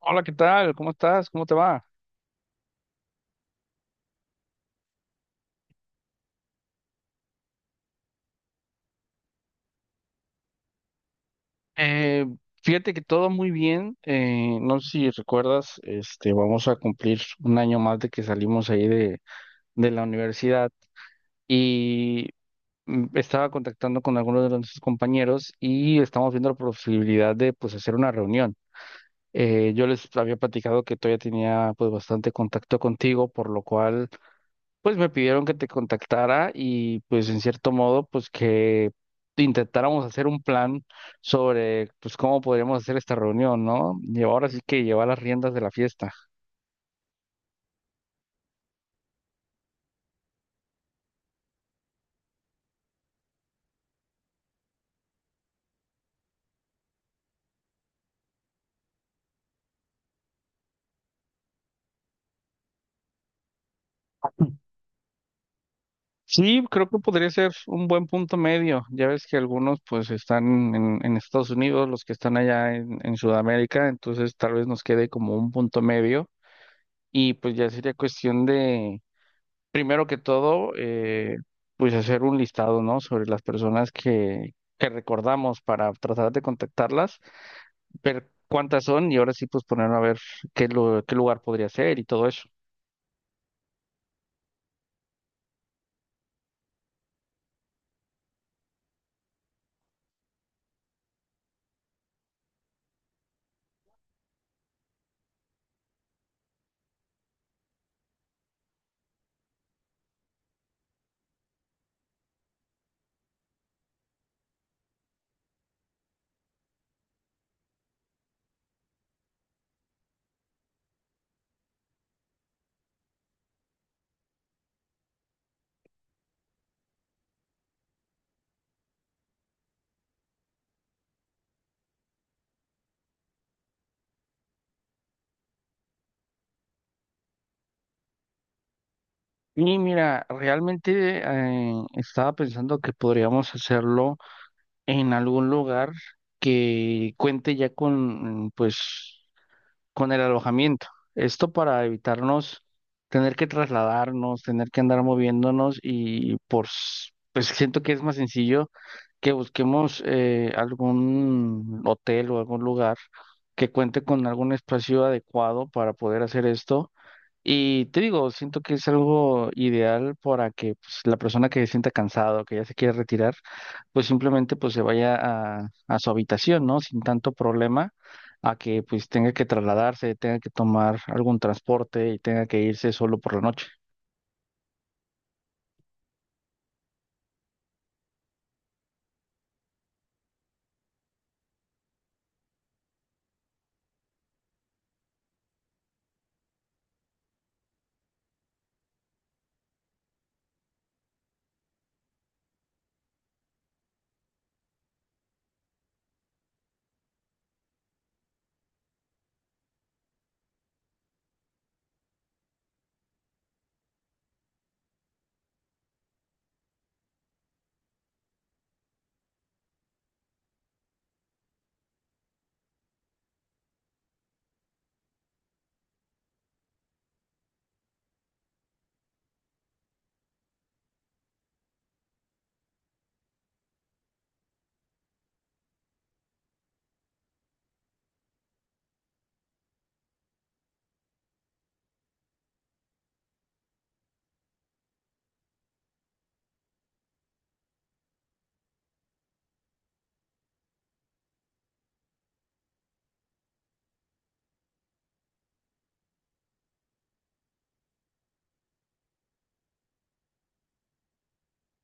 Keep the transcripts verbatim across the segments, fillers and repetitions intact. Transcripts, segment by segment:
Hola, ¿qué tal? ¿Cómo estás? ¿Cómo te va? Eh, fíjate que todo muy bien. Eh, no sé si recuerdas, este, vamos a cumplir un año más de que salimos ahí de, de la universidad y mm, estaba contactando con algunos de nuestros compañeros y estamos viendo la posibilidad de pues hacer una reunión. Eh, yo les había platicado que todavía tenía pues bastante contacto contigo, por lo cual pues me pidieron que te contactara y pues en cierto modo pues que intentáramos hacer un plan sobre pues cómo podríamos hacer esta reunión, ¿no? Y ahora sí que llevar las riendas de la fiesta. Sí, creo que podría ser un buen punto medio. Ya ves que algunos pues están en, en Estados Unidos, los que están allá en, en Sudamérica, entonces tal vez nos quede como un punto medio y pues ya sería cuestión de... Primero que todo, eh, pues hacer un listado, ¿no? Sobre las personas que, que recordamos para tratar de contactarlas, ver cuántas son y ahora sí pues ponernos a ver qué, lu- qué lugar podría ser y todo eso. Y mira, realmente eh, estaba pensando que podríamos hacerlo en algún lugar que cuente ya con, pues, con el alojamiento. Esto para evitarnos tener que trasladarnos, tener que andar moviéndonos y por, s- pues siento que es más sencillo que busquemos eh, algún hotel o algún lugar que cuente con algún espacio adecuado para poder hacer esto y te digo, siento que es algo ideal para que pues, la persona que se sienta cansado, que ya se quiere retirar, pues simplemente pues se vaya a, a su habitación, ¿no? Sin tanto problema, a que pues tenga que trasladarse, tenga que tomar algún transporte y tenga que irse solo por la noche.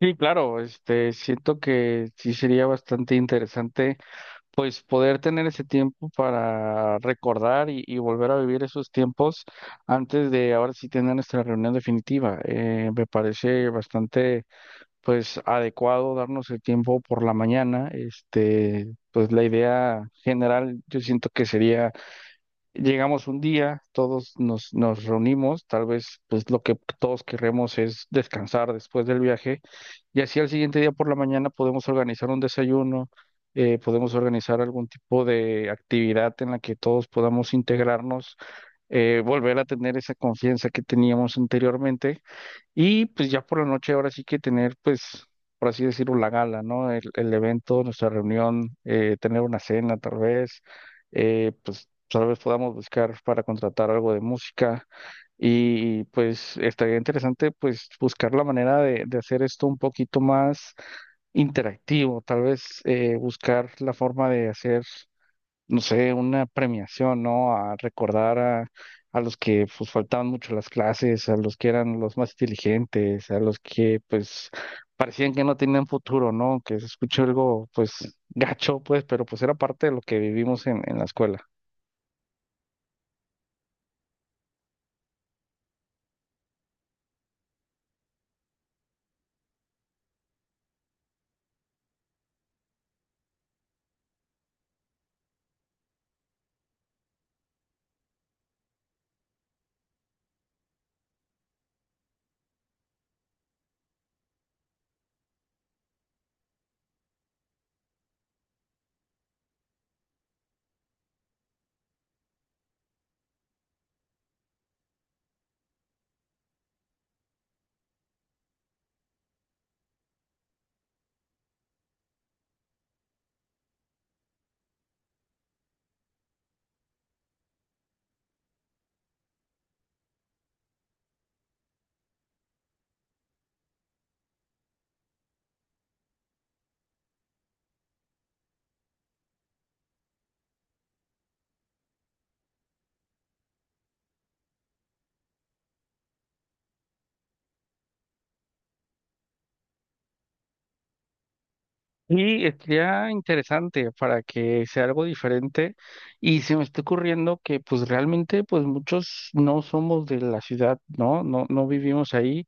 Sí, claro, este, siento que sí sería bastante interesante pues poder tener ese tiempo para recordar y, y volver a vivir esos tiempos antes de ahora sí tener nuestra reunión definitiva. Eh, me parece bastante pues adecuado darnos el tiempo por la mañana. Este, pues la idea general yo siento que sería: llegamos un día, todos nos, nos reunimos, tal vez pues lo que todos queremos es descansar después del viaje y así al siguiente día por la mañana podemos organizar un desayuno, eh, podemos organizar algún tipo de actividad en la que todos podamos integrarnos, eh, volver a tener esa confianza que teníamos anteriormente y pues ya por la noche ahora sí que tener, pues, por así decirlo, la gala, ¿no? El, el evento, nuestra reunión, eh, tener una cena tal vez, eh, pues tal vez podamos buscar para contratar algo de música. Y pues estaría interesante pues buscar la manera de, de hacer esto un poquito más interactivo, tal vez eh, buscar la forma de hacer no sé, una premiación, ¿no? A recordar a, a los que pues faltaban mucho a las clases, a los que eran los más inteligentes, a los que pues parecían que no tenían futuro, ¿no? Que se escuchó algo pues gacho, pues, pero pues era parte de lo que vivimos en, en la escuela. Y sería interesante para que sea algo diferente. Y se me está ocurriendo que pues realmente pues muchos no somos de la ciudad, ¿no? No, no vivimos ahí.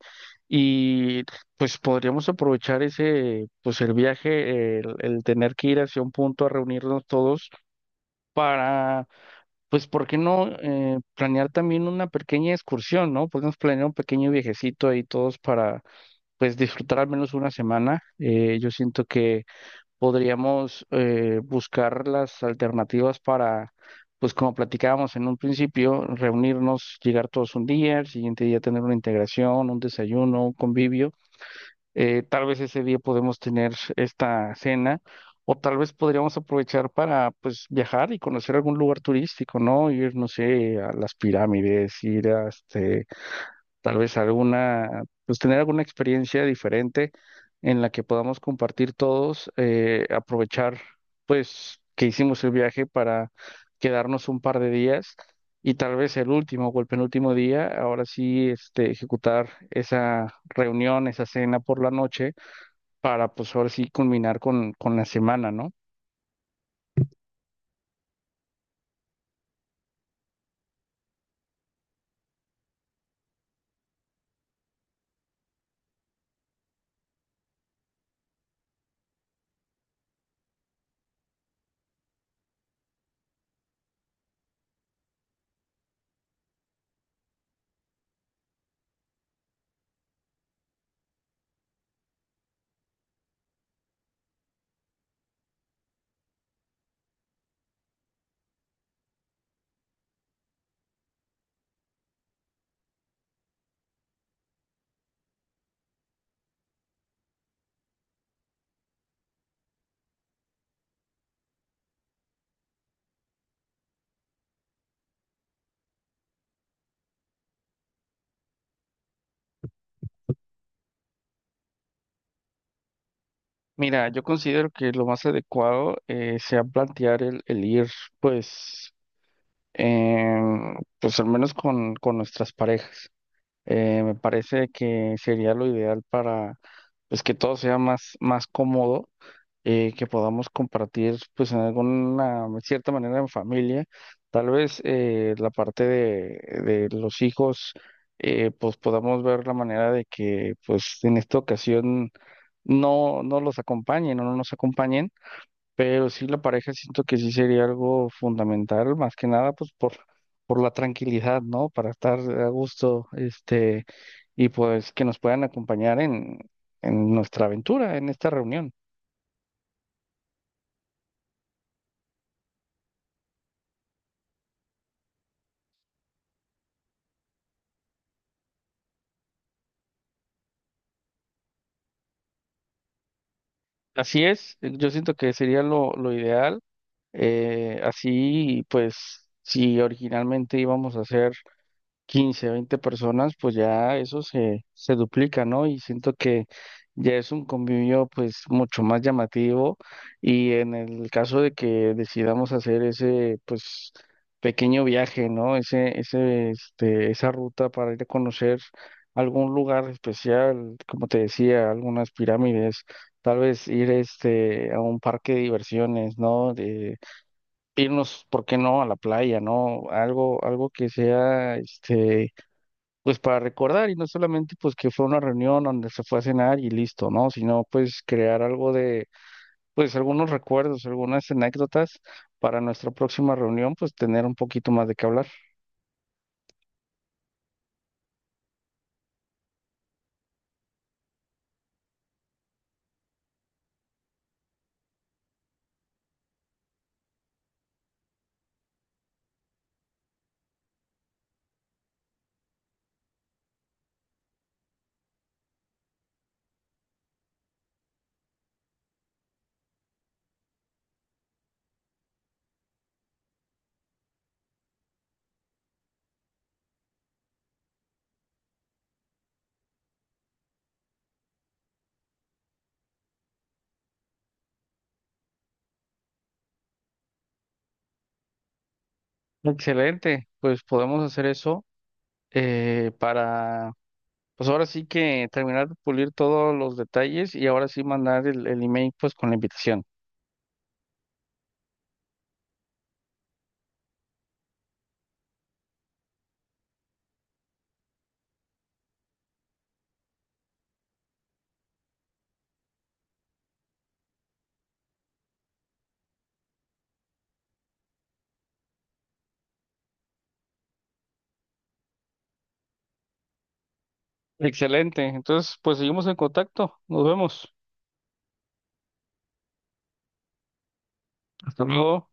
Y pues podríamos aprovechar ese, pues el viaje, el, el tener que ir hacia un punto a reunirnos todos para, pues, ¿por qué no eh, planear también una pequeña excursión, ¿no? Podemos planear un pequeño viajecito ahí todos para, pues, disfrutar al menos una semana. Eh, yo siento que podríamos eh, buscar las alternativas para, pues como platicábamos en un principio, reunirnos, llegar todos un día, el siguiente día tener una integración, un desayuno, un convivio. Eh, tal vez ese día podemos tener esta cena o tal vez podríamos aprovechar para pues viajar y conocer algún lugar turístico, ¿no? Ir, no sé, a las pirámides, ir a, este, tal vez alguna, pues tener alguna experiencia diferente en la que podamos compartir todos, eh, aprovechar pues que hicimos el viaje para quedarnos un par de días y tal vez el último o el penúltimo día, ahora sí, este, ejecutar esa reunión, esa cena por la noche para pues ahora sí culminar con, con la semana, ¿no? Mira, yo considero que lo más adecuado eh, sea plantear el, el ir, pues em, pues al menos con, con nuestras parejas. Eh, me parece que sería lo ideal para pues que todo sea más, más cómodo, eh, que podamos compartir pues en alguna cierta manera en familia. Tal vez eh, la parte de, de los hijos eh, pues podamos ver la manera de que pues en esta ocasión no, no los acompañen o no nos acompañen pero sí, la pareja siento que sí sería algo fundamental, más que nada, pues por, por la tranquilidad, ¿no? Para estar a gusto, este, y pues que nos puedan acompañar en, en nuestra aventura, en esta reunión. Así es, yo siento que sería lo, lo ideal. Eh, así, pues, si originalmente íbamos a hacer quince, veinte personas, pues ya eso se, se duplica, ¿no? Y siento que ya es un convivio pues mucho más llamativo y en el caso de que decidamos hacer ese pues pequeño viaje, ¿no? Ese, ese, este, esa ruta para ir a conocer algún lugar especial, como te decía, algunas pirámides, tal vez ir este a un parque de diversiones, ¿no? De, irnos, ¿por qué no?, a la playa, ¿no? Algo, algo que sea, este, pues para recordar y no solamente pues que fue una reunión donde se fue a cenar y listo, ¿no? Sino pues crear algo de, pues algunos recuerdos, algunas anécdotas para nuestra próxima reunión, pues tener un poquito más de qué hablar. Excelente, pues podemos hacer eso eh, para, pues ahora sí que terminar de pulir todos los detalles y ahora sí mandar el, el email pues con la invitación. Excelente, entonces pues seguimos en contacto, nos vemos. Hasta luego.